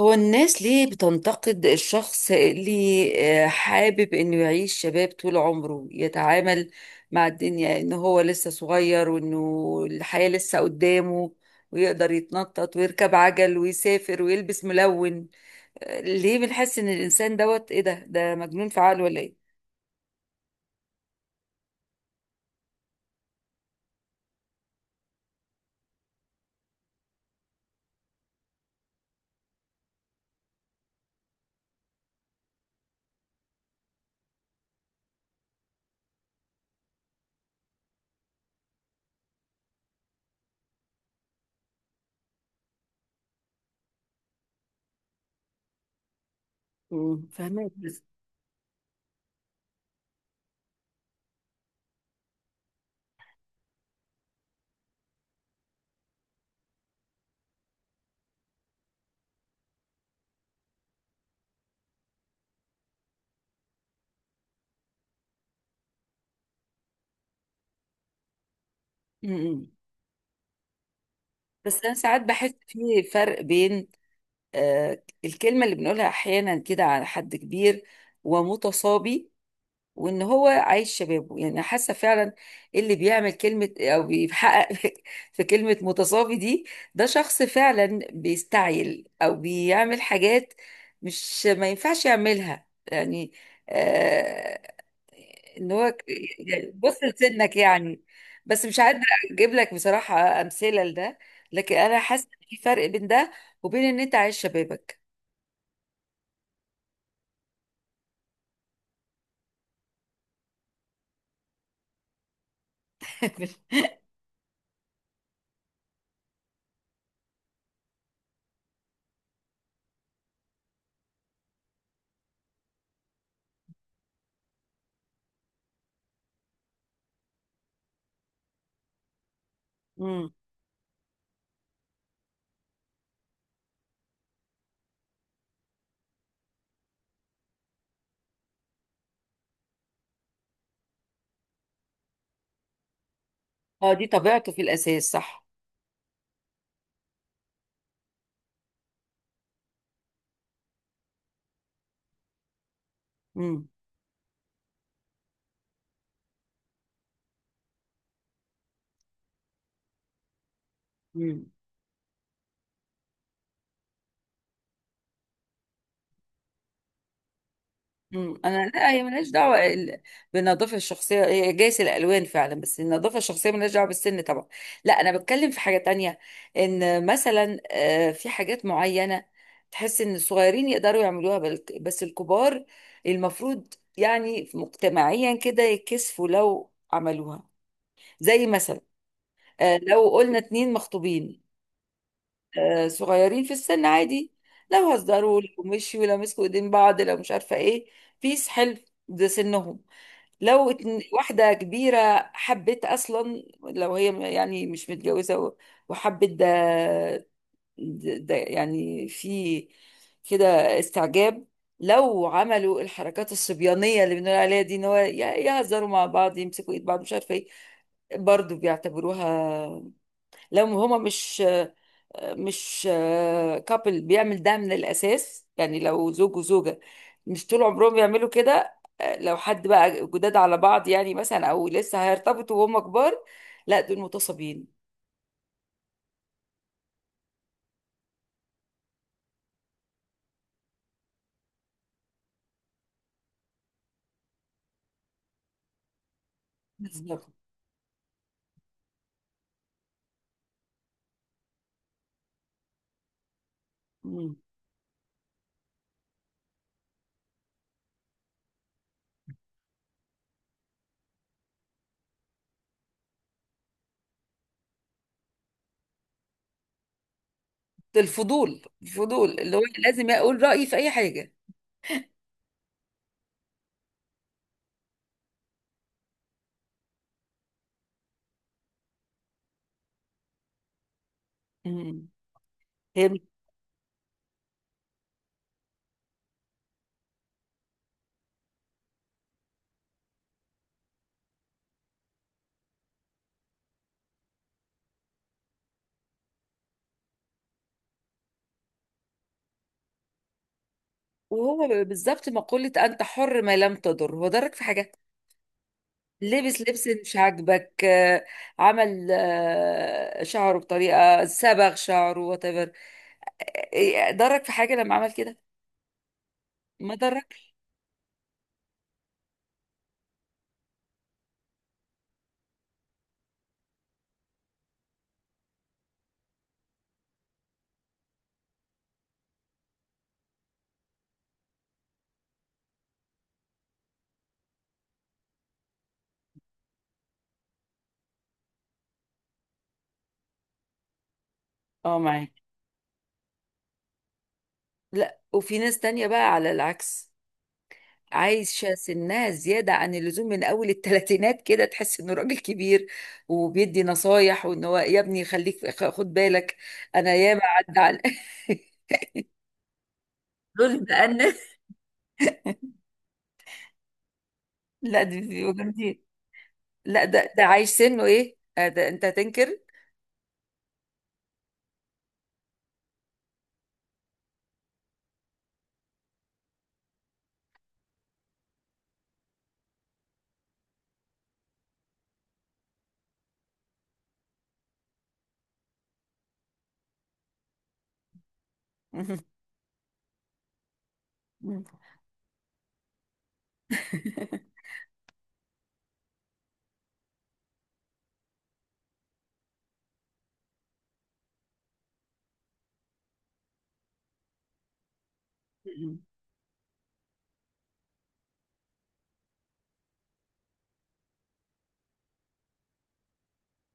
هو الناس ليه بتنتقد الشخص اللي حابب انه يعيش شباب طول عمره، يتعامل مع الدنيا ان هو لسه صغير وانه الحياة لسه قدامه ويقدر يتنطط ويركب عجل ويسافر ويلبس ملون؟ ليه بنحس ان الانسان دوت ايه ده مجنون في عقله ولا ايه؟ فهمك بس. مم. بس انا ساعات بحس في فرق بين الكلمة اللي بنقولها احيانا كده على حد كبير ومتصابي وان هو عايش شبابه، يعني حاسه فعلا اللي بيعمل كلمه او بيحقق في كلمه متصافي دي ده شخص فعلا بيستعجل او بيعمل حاجات مش ما ينفعش يعملها يعني. آه ان هو ك- يعني بص لسنك، يعني بس مش قادره اجيب لك بصراحه امثله لده، لكن انا حاسه إن في فرق بين ده وبين ان انت عايش شبابك. امم اه دي طبيعته في الاساس، صح. امم مم. انا لا، هي ملهاش دعوه بالنظافه الشخصيه، هي جايز الالوان فعلا بس النظافه الشخصيه ملهاش دعوه بالسن طبعا. لا انا بتكلم في حاجه تانية، ان مثلا في حاجات معينه تحس ان الصغيرين يقدروا يعملوها بس الكبار المفروض يعني مجتمعيا كده يكسفوا لو عملوها. زي مثلا لو قلنا اتنين مخطوبين صغيرين في السن، عادي لو هزروا، لو مشوا، لو مسكوا ايدين بعض، لو مش عارفه ايه، بيس حلو، ده سنهم. واحدة كبيرة حبت أصلا، لو هي يعني مش متجوزة و وحبت ده، ده يعني في كده استعجاب. لو عملوا الحركات الصبيانية اللي بنقول عليها دي ان هو يهزروا مع بعض، يمسكوا ايد بعض، مش عارفة ايه، برضه بيعتبروها. لو هما مش، مش كابل بيعمل ده من الأساس، يعني لو زوج وزوجة مش طول عمرهم بيعملوا كده. لو حد بقى جداد على بعض يعني مثلا، أو لسه هيرتبطوا وهم كبار، لا دول متصابين. بالظبط. مم. الفضول، الفضول اللي هو لازم أقول رأيي في أي حاجة. مم. هي مش وهو بالظبط مقولة أنت حر ما لم تضر، هو ضرك في حاجة؟ لبس لبس مش عاجبك، عمل شعره بطريقة، صبغ شعره whatever، إيه ضرك في حاجة لما عمل كده؟ ما ضرك. اه معاك. لا وفي ناس تانية بقى على العكس، عايشة سنها زيادة عن اللزوم من أول التلاتينات، كده تحس إنه راجل كبير وبيدي نصايح وإن هو يا ابني خليك، خد بالك. أنا ياما عدى على دول بأن، لا دي بيبقوا جامدين. لا ده ده عايش سنه إيه، ده أنت هتنكر.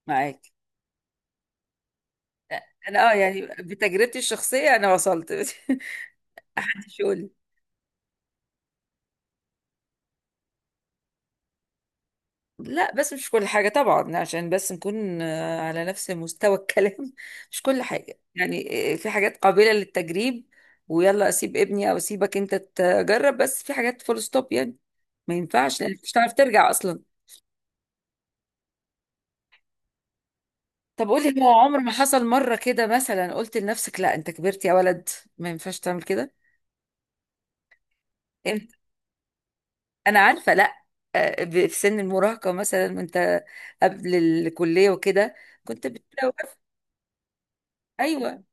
معاك. أنا أه، يعني بتجربتي الشخصية أنا وصلت. شغل. لا بس مش كل حاجة طبعا، عشان بس نكون على نفس مستوى الكلام، مش كل حاجة يعني في حاجات قابلة للتجريب، ويلا أسيب ابني أو أسيبك أنت تجرب، بس في حاجات فول ستوب يعني، ما ينفعش، لأنك مش هتعرف ترجع أصلا. طب قولي، هو عمر ما حصل مرة كده مثلا قلت لنفسك لا أنت كبرت يا ولد، ما ينفعش تعمل كده؟ إمتى؟ أنا عارفة، لا في سن المراهقة مثلا وأنت قبل الكلية وكده كنت بتلاقي؟ أيوه.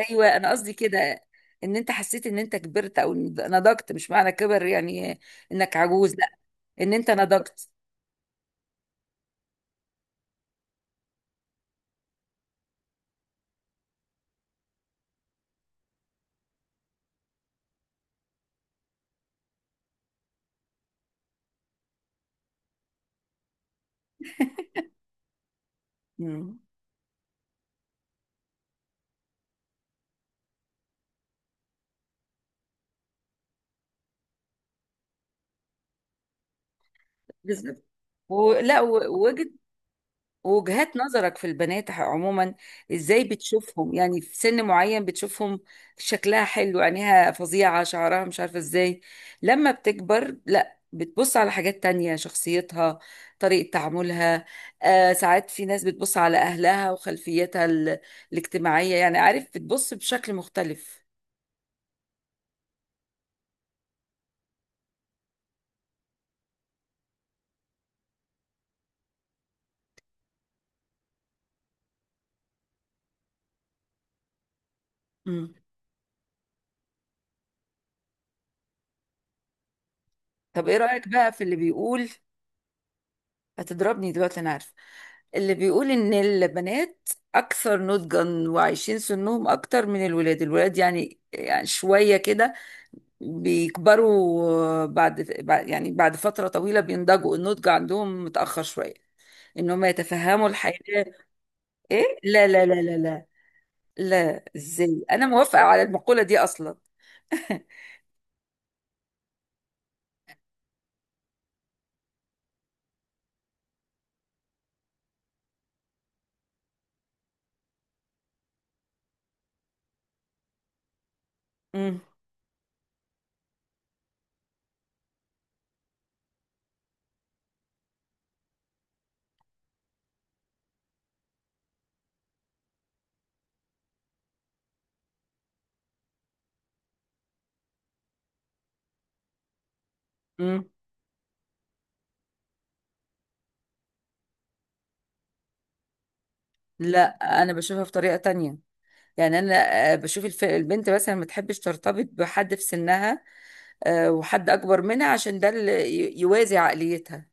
ايوه انا قصدي كده، ان انت حسيت ان انت كبرت او نضجت. مش معنى كبر يعني انك عجوز، لا، ان انت نضجت. مم. بالظبط. ولا ووجهة، وجهات نظرك في البنات عموما، ازاي بتشوفهم يعني؟ في سن معين بتشوفهم شكلها حلو، عينيها فظيعة، شعرها مش عارفة ازاي؛ لما بتكبر لا، بتبص على حاجات تانية، شخصيتها، طريقة تعاملها، ساعات في ناس بتبص على أهلها وخلفيتها الاجتماعية، يعني عارف، بتبص بشكل مختلف. مم. طب ايه رأيك بقى في اللي بيقول، هتضربني دلوقتي انا عارفه، اللي بيقول ان البنات اكثر نضجا وعايشين سنهم اكتر من الولاد؟ الولاد يعني شويه كده بيكبروا، يعني بعد فتره طويله بينضجوا، النضج عندهم متاخر شويه، ان هم يتفهموا الحياه. ايه، لا لا لا لا لا. لا ازاي، انا موافقه على المقوله دي اصلا. مم. مم. لا انا بشوفها في طريقه تانية، يعني انا بشوف البنت مثلا ما تحبش ترتبط بحد في سنها، وحد اكبر منها عشان ده اللي يوازي عقليتها.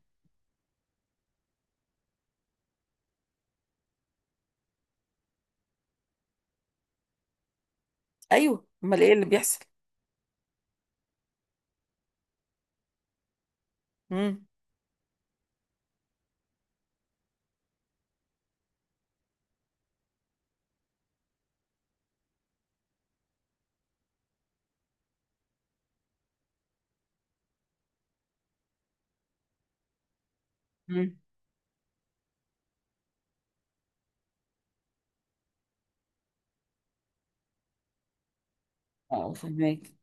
ايوه، امال ايه اللي بيحصل؟ امم مم. اه فهمك.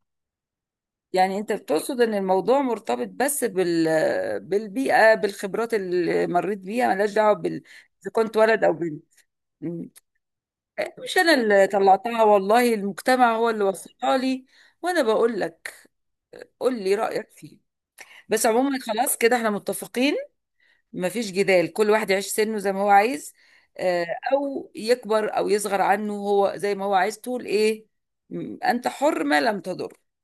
يعني انت بتقصد ان الموضوع مرتبط بس بال، بالبيئه بالخبرات اللي مريت بيها، ملهاش دعوه بال اذا كنت ولد او بنت. مم. مش انا اللي طلعتها والله، المجتمع هو اللي وصلها لي، وانا بقول لك قول لي رايك فيه. بس عموما خلاص كده احنا متفقين، مفيش جدال، كل واحد يعيش سنه زي ما هو عايز، آه، او يكبر او يصغر عنه، هو زي ما هو عايز. تقول ايه؟ م- انت حر ما لم تضر.